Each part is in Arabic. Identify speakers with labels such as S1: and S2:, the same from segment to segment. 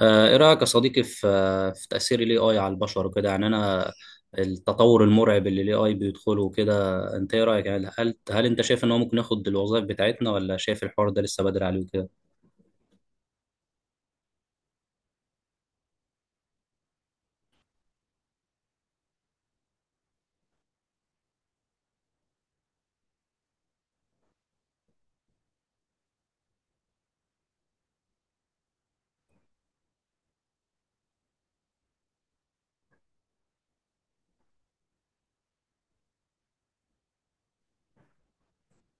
S1: ايه رايك يا صديقي في في تاثير الاي اي على البشر وكده، يعني انا التطور المرعب اللي الاي اي بيدخله وكده. انت ايه رايك؟ يعني هل انت شايف ان هو ممكن ياخد الوظائف بتاعتنا، ولا شايف الحوار ده لسه بدري عليه وكده؟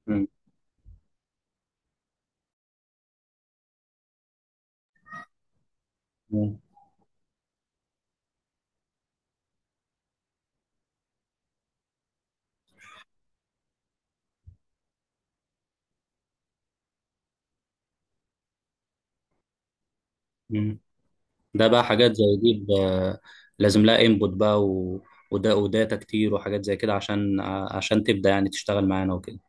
S1: مم. مم. مم. ده بقى حاجات زي دي لازم لها انبوت بقى وده وداتا كتير وحاجات زي كده، عشان عشان تبدا يعني تشتغل معانا وكده.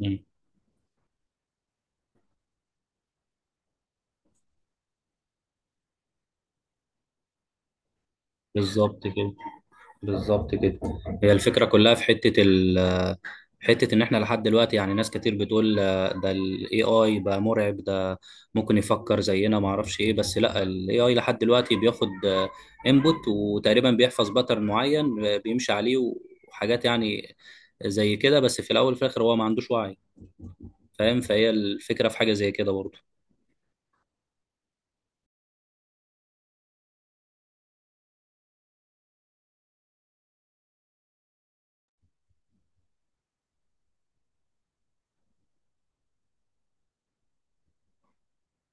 S1: مم. بالظبط كده. بالظبط كده. هي الفكره كلها في حتة إن إحنا لحد دلوقتي، يعني ناس كتير بتقول ده ال AI بقى مرعب، ده ممكن يفكر زينا معرفش إيه. بس لأ، ال AI لحد دلوقتي بياخد input، وتقريبا بيحفظ باترن معين بيمشي عليه، وحاجات يعني زي كده. بس في الأول وفي الآخر هو ما عندوش وعي، فاهم؟ فهي الفكرة في حاجة زي كده برضه.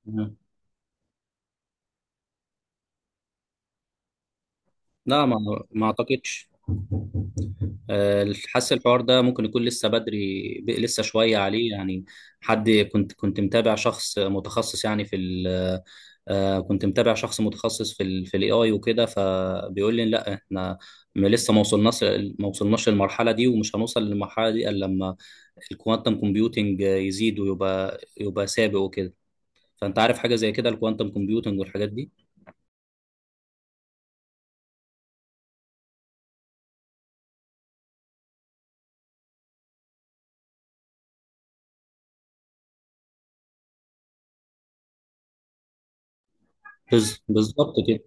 S1: مم. لا، ما ما أعتقدش. آه، حاسس الحوار ده ممكن يكون لسه بدري، لسه شوية عليه يعني. حد كنت متابع شخص متخصص يعني في ال آه، كنت متابع شخص متخصص في ال في الاي اي وكده، فبيقول لي لا، احنا لسه ما وصلناش. ما وصلناش للمرحلة دي، ومش هنوصل للمرحلة دي الا لما الكوانتم كومبيوتنج يزيد ويبقى سابق وكده. فانت عارف حاجة زي كده، الكوانتم كومبيوتنج والحاجات دي؟ بالظبط كده.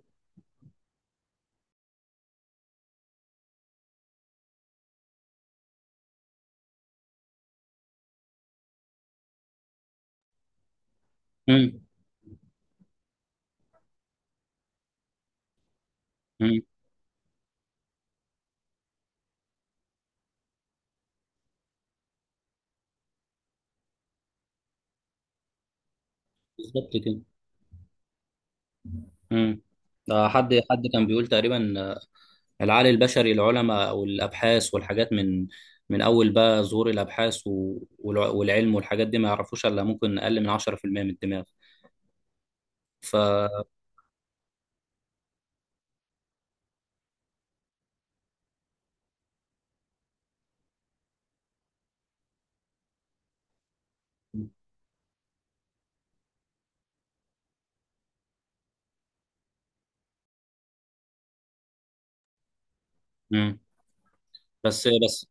S1: امم. امم. بالظبط كده. امم. حد كان بيقول تقريبا العقل البشري، العلماء والابحاث والحاجات من من اول بقى ظهور الابحاث والعلم والحاجات دي، ما يعرفوش الا ممكن اقل من 10% من الدماغ. ف مم. بس بس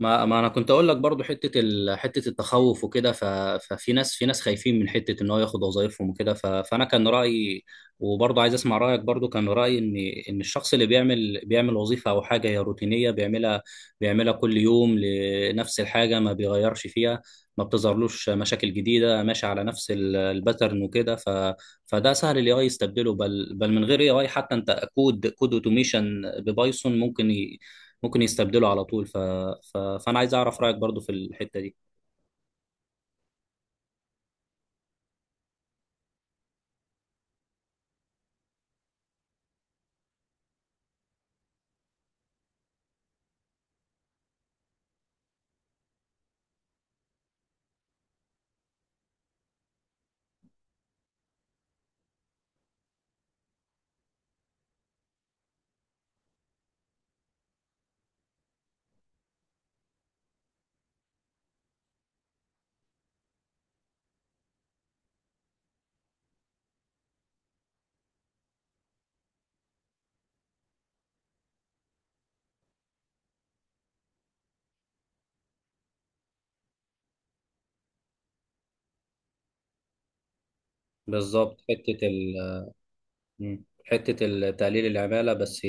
S1: ما ما انا كنت اقول لك برضو حته حته التخوف وكده ففي ناس، في ناس خايفين من حته ان هو ياخد وظايفهم وكده، فانا كان رايي، وبرضو عايز اسمع رايك. برضو كان رايي ان ان الشخص اللي بيعمل وظيفه او حاجه هي روتينيه، بيعملها كل يوم لنفس الحاجه، ما بيغيرش فيها، ما بتظهرلوش مشاكل جديده، ماشي على نفس الباترن وكده فده سهل الاي اي يستبدله. بل من غير اي اي حتى، انت كود اوتوميشن ببايثون ممكن يستبدله على طول فانا عايز اعرف رايك برضو في الحته دي. بالظبط حته مم. حته تقليل العماله. بس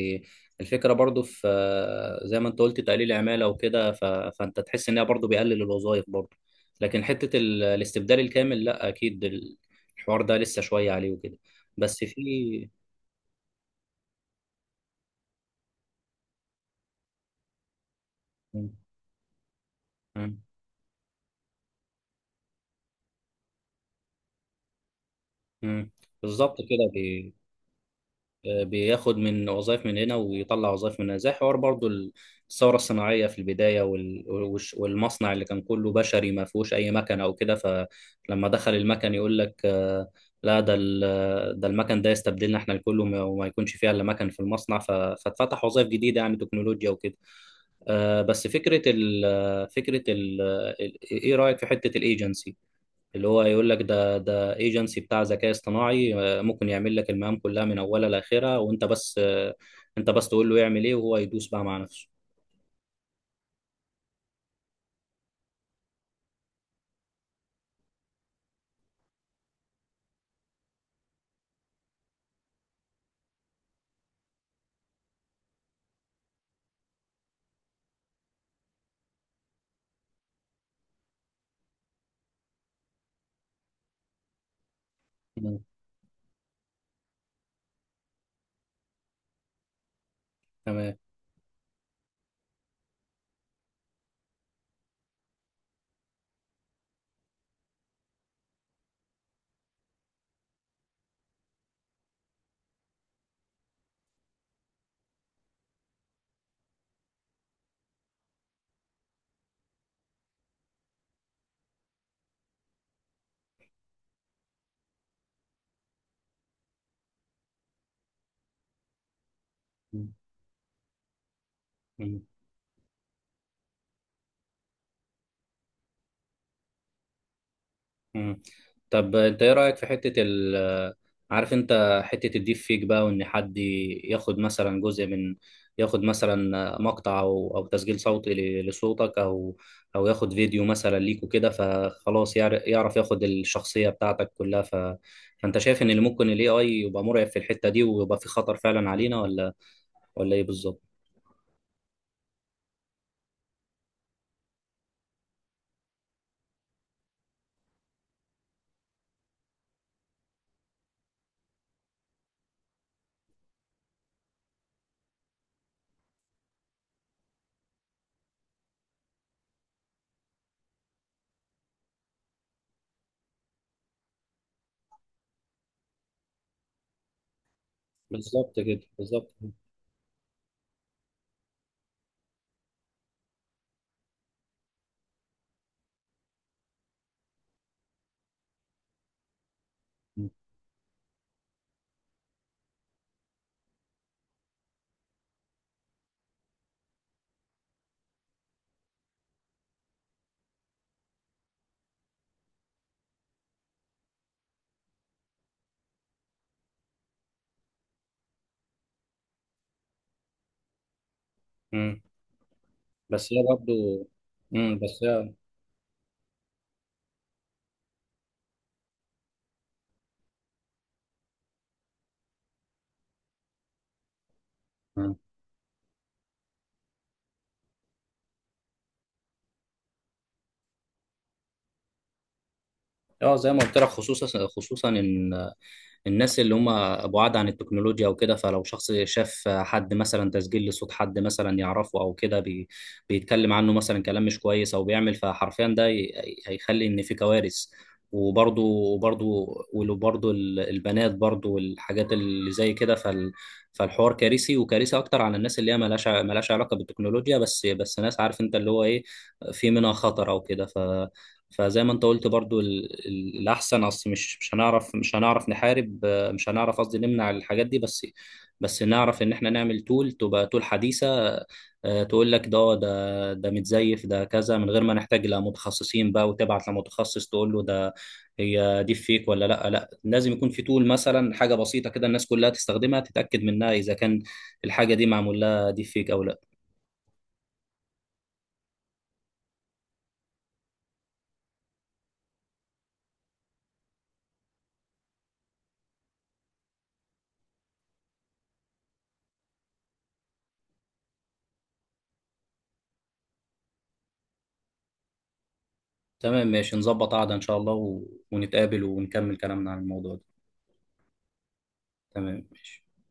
S1: الفكره برضو في زي ما انت قلت، تقليل العماله وكده فانت تحس ان هي برضو بيقلل الوظائف برضو، لكن حته الاستبدال الكامل لا، اكيد الحوار ده لسه شويه عليه وكده. بس في مم. مم. مم. بالظبط كده. بياخد من وظائف من هنا ويطلع وظائف من هنا، زي حوار برضو الثورة الصناعية في البداية، والمصنع اللي كان كله بشري، ما فيهوش أي مكن أو كده، فلما دخل المكن يقول لك لا، ده ده المكن ده يستبدلنا احنا الكل، وما يكونش فيها إلا مكن في المصنع فاتفتح وظائف جديدة يعني تكنولوجيا وكده. بس فكرة ال إيه رأيك في حتة الايجنسي، اللي هو يقول لك ده ايجنسي بتاع ذكاء اصطناعي، ممكن يعمل لك المهام كلها من اولها لاخرها، وانت بس انت بس تقول له يعمل ايه، وهو يدوس بقى مع نفسه. مم. تمام. مم. مم. مم. طب انت ايه رأيك في حتة ال عارف انت حتة الديب فيك بقى، وان حد ياخد مثلا جزء من، ياخد مثلا مقطع او او تسجيل صوتي لصوتك، او او ياخد فيديو مثلا ليك وكده، فخلاص يعرف ياخد الشخصية بتاعتك كلها فانت شايف ان اللي ممكن الاي اي يبقى مرعب في الحتة دي ويبقى في خطر فعلا علينا، ولا ولا ايه بالظبط؟ بالظبط كده. بالظبط. مم. بس هي برضه مم. بس هي مم. اه، زي ما قلت لك، خصوصا خصوصا ان الناس اللي هم بعاد عن التكنولوجيا وكده، فلو شخص شاف حد مثلا تسجيل لصوت حد مثلا يعرفه او كده، بيتكلم عنه مثلا كلام مش كويس او بيعمل، فحرفيا ده هيخلي ان في كوارث. وبرضو وبرضو وبرضو البنات برضو والحاجات اللي زي كده، فال فالحوار كارثي، وكارثي اكتر على الناس اللي هي ملهاش ملهاش علاقه بالتكنولوجيا. بس بس ناس، عارف انت اللي هو ايه، في منها خطر او كده، ف فزي ما انت قلت برضو الاحسن، اصل مش مش هنعرف، مش هنعرف نحارب، مش هنعرف، قصدي نمنع الحاجات دي. بس بس نعرف ان احنا نعمل تول، تبقى تول حديثة، تقول لك ده متزيف، ده كذا، من غير ما نحتاج لمتخصصين بقى وتبعت لمتخصص تقول له ده هي دي فيك ولا لا. لا لازم يكون في تول مثلا، حاجة بسيطة كده الناس كلها تستخدمها تتأكد منها اذا كان الحاجة دي معمول لها دي فيك او لا. تمام، ماشي، نظبط قعدة ان شاء الله ونتقابل ونكمل كلامنا عن الموضوع ده. تمام ماشي.